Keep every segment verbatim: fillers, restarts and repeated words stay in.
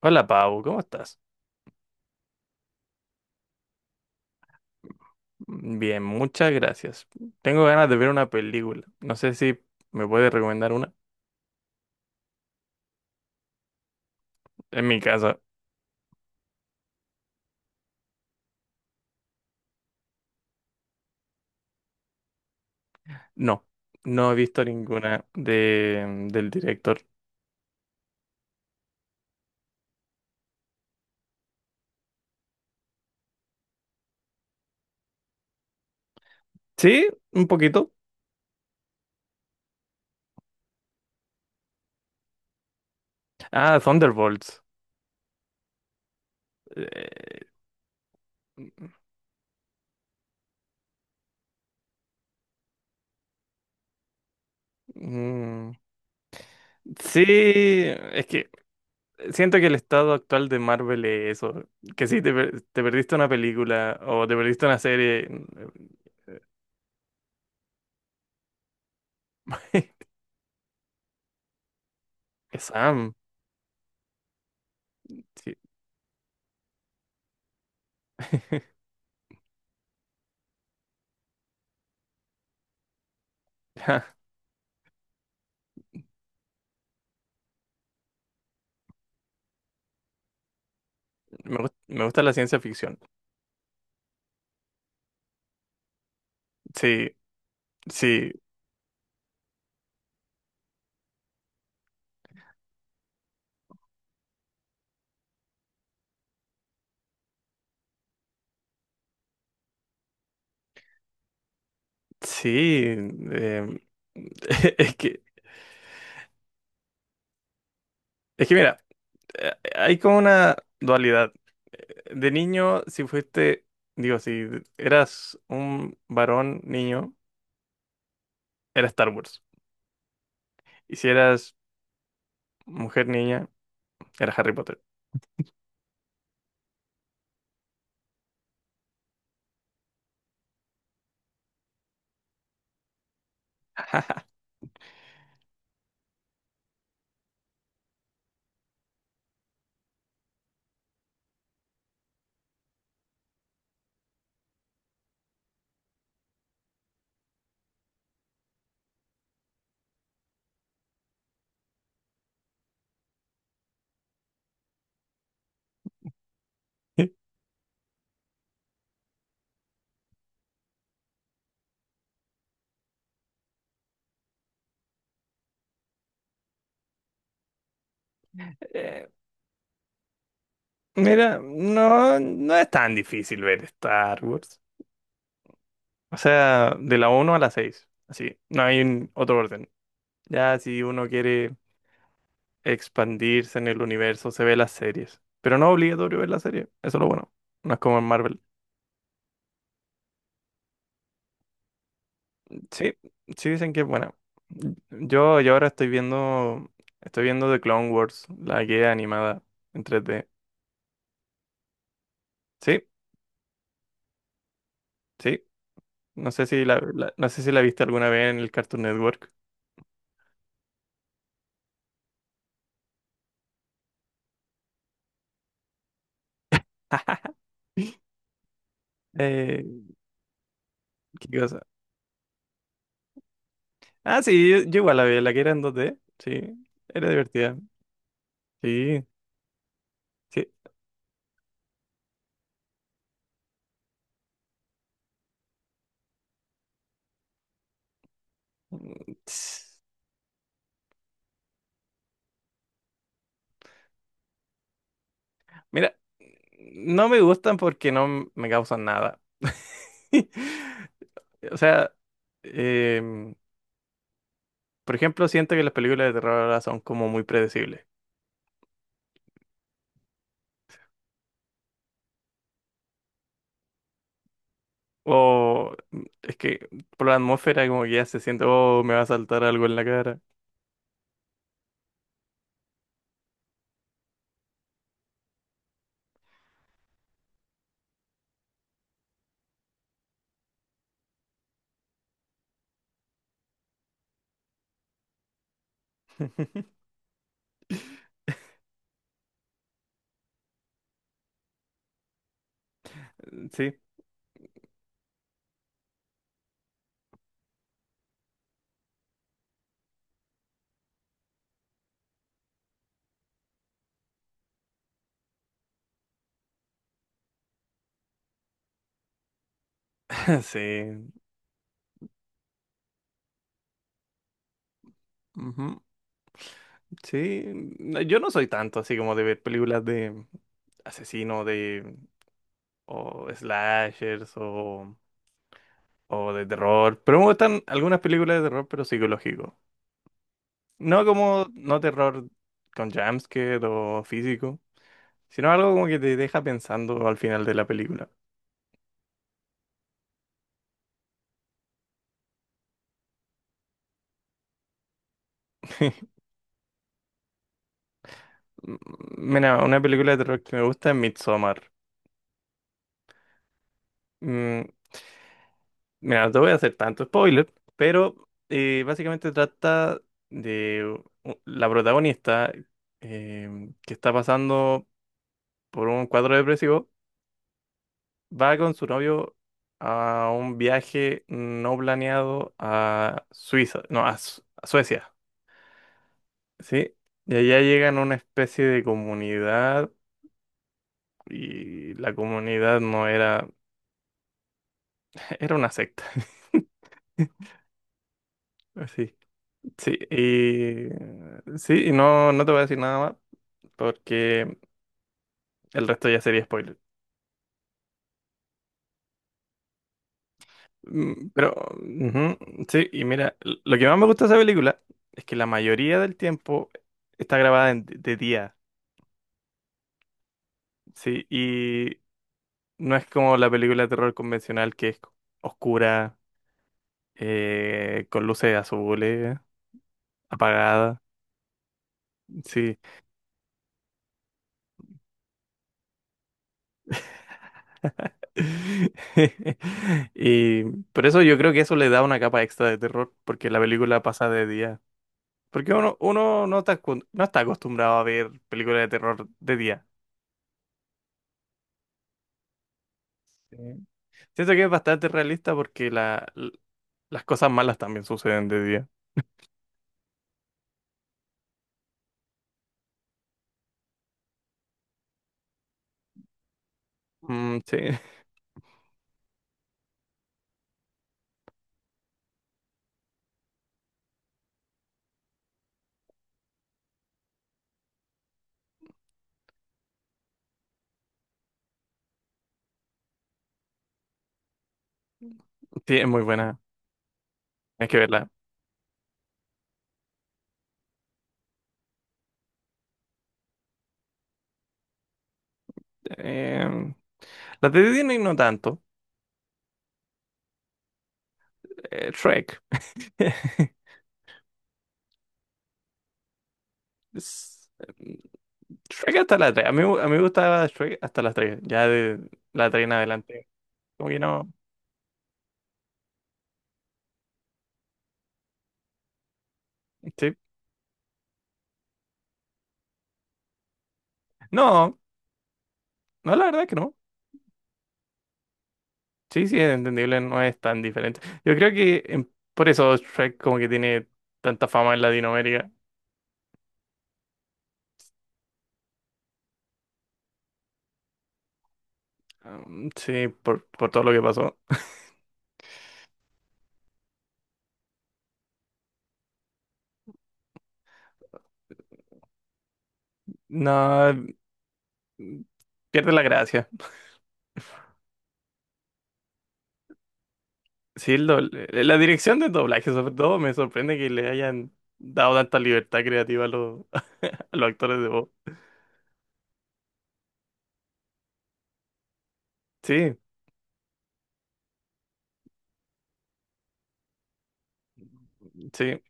Hola Pau, ¿cómo estás? Bien, muchas gracias. Tengo ganas de ver una película. No sé si me puedes recomendar una. En mi casa. No. No he visto ninguna de, del director. Sí, un poquito. Ah, Thunderbolts. Eh, mm, sí, es que siento que el estado actual de Marvel es eso. Que si te, per- te perdiste una película o te perdiste una serie. Es Sam, sí. Me gust- me gusta la ciencia ficción. Sí. Sí, sí. em, es que, es que mira, eh, hay como una dualidad. De niño, si fuiste, digo, si eras un varón niño, era Star Wars. Y si eras mujer niña, era Harry Potter. Eh, Mira, no, no es tan difícil ver Star Wars. O sea, de la uno a la seis, así no hay un- otro orden. Ya si uno quiere expandirse en el universo, se ve las series. Pero no es obligatorio ver la serie, eso es lo bueno. No es como en Marvel. Sí, sí dicen que es buena. Yo, yo ahora estoy viendo, estoy viendo The Clone Wars, la guía animada en tres D. Sí, sí. No sé si la, la- no sé si la viste alguna vez en el Cartoon Network. Eh, ¿Qué cosa? Ah, sí, yo, yo igual la vi, la que era en dos D. Sí, era divertida. Sí, sí. Mm, Mira, no me gustan porque no m- me causan nada. O sea, em, por ejemplo, siento que las películas de terror ahora son como muy predecibles. O mm, es que por la atmósfera como que ya se siente, oh, me va a saltar algo en la cara. Sí, sí, ujú, sí. No, yo no soy tanto así como de ver películas de asesino, de o slashers, o, o de terror, pero me gustan algunas películas de terror, pero psicológico. No como, no terror con jumpscare o físico, sino algo como que te deja pensando al final de la película. Mira, una película de terror que me gusta es Midsommar. Mm, mira, no te voy a hacer tanto spoiler, pero eh, básicamente trata de u- la protagonista, eh, que está pasando por un cuadro depresivo, va con su novio a un viaje no planeado a Suiza, no, a, Su- a Suecia, ¿sí? Y allá llegan a una especie de comunidad, y la comunidad no era, era una secta. Sí, sí, y sí, y no, no te voy a decir nada más porque el resto ya sería spoiler. Mm, Pero, ujú, sí, y mira, l- lo que más me gusta de esa película es que la mayoría del tiempo está grabada en- de día. Sí, y no es como la película de terror convencional que es oscura, eh, con luces azules, apagada. Sí. Y por eso yo creo que eso le da una capa extra de terror, porque la película pasa de día. Porque uno, uno no está, acu- no está acostumbrado a ver películas de terror de día. Sí. Siento que es bastante realista porque la, l- las cosas malas también suceden de día. Mm, sí, sí, es muy buena. Hay que verla. Em, Las de Disney no tanto. Eh, Shrek. Es- mm, Shrek hasta la tres. A mí, a mí me gustaba Shrek hasta las tres. Ya de la tres en adelante, como que no. Sí. No, no, la verdad que no. Sí, sí, es entendible, no es tan diferente. Yo creo que en- por eso Shrek como que tiene tanta fama en Latinoamérica. Um, sí, por, por todo lo que pasó. No, mm, pierde la gracia. Sí, el doble- eh, la dirección del doblaje sobre todo me sorprende que le hayan dado tanta libertad creativa a los, los actores de voz. Sí, sí,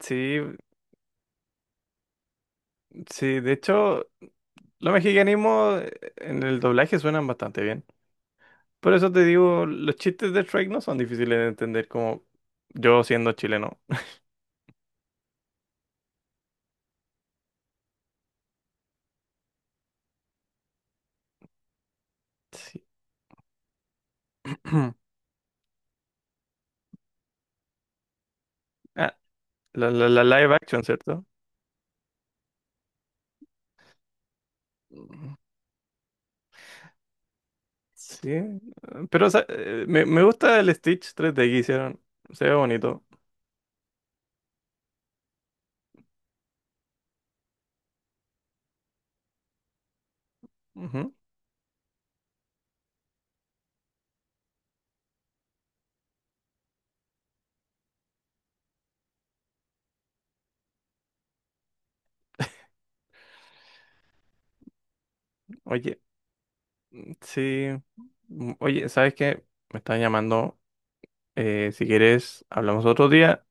sí, sí. De hecho, los mexicanismos, eh, en el doblaje suenan bastante bien. Por eso te digo, los chistes de Shrek no son difíciles de entender como yo siendo chileno. Sí. Ah, la, la, la live action, ¿cierto? Mm, sí. Pero o sea, eh, me, me gusta el Stitch tres d que hicieron. Se ve bonito. Ujú. Oye, sí. Mm, Oye, ¿sabes qué? Me están llamando. Eh, si quieres, hablamos otro día.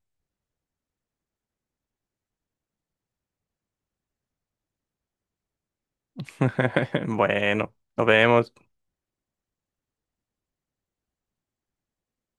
Bueno, nos vemos.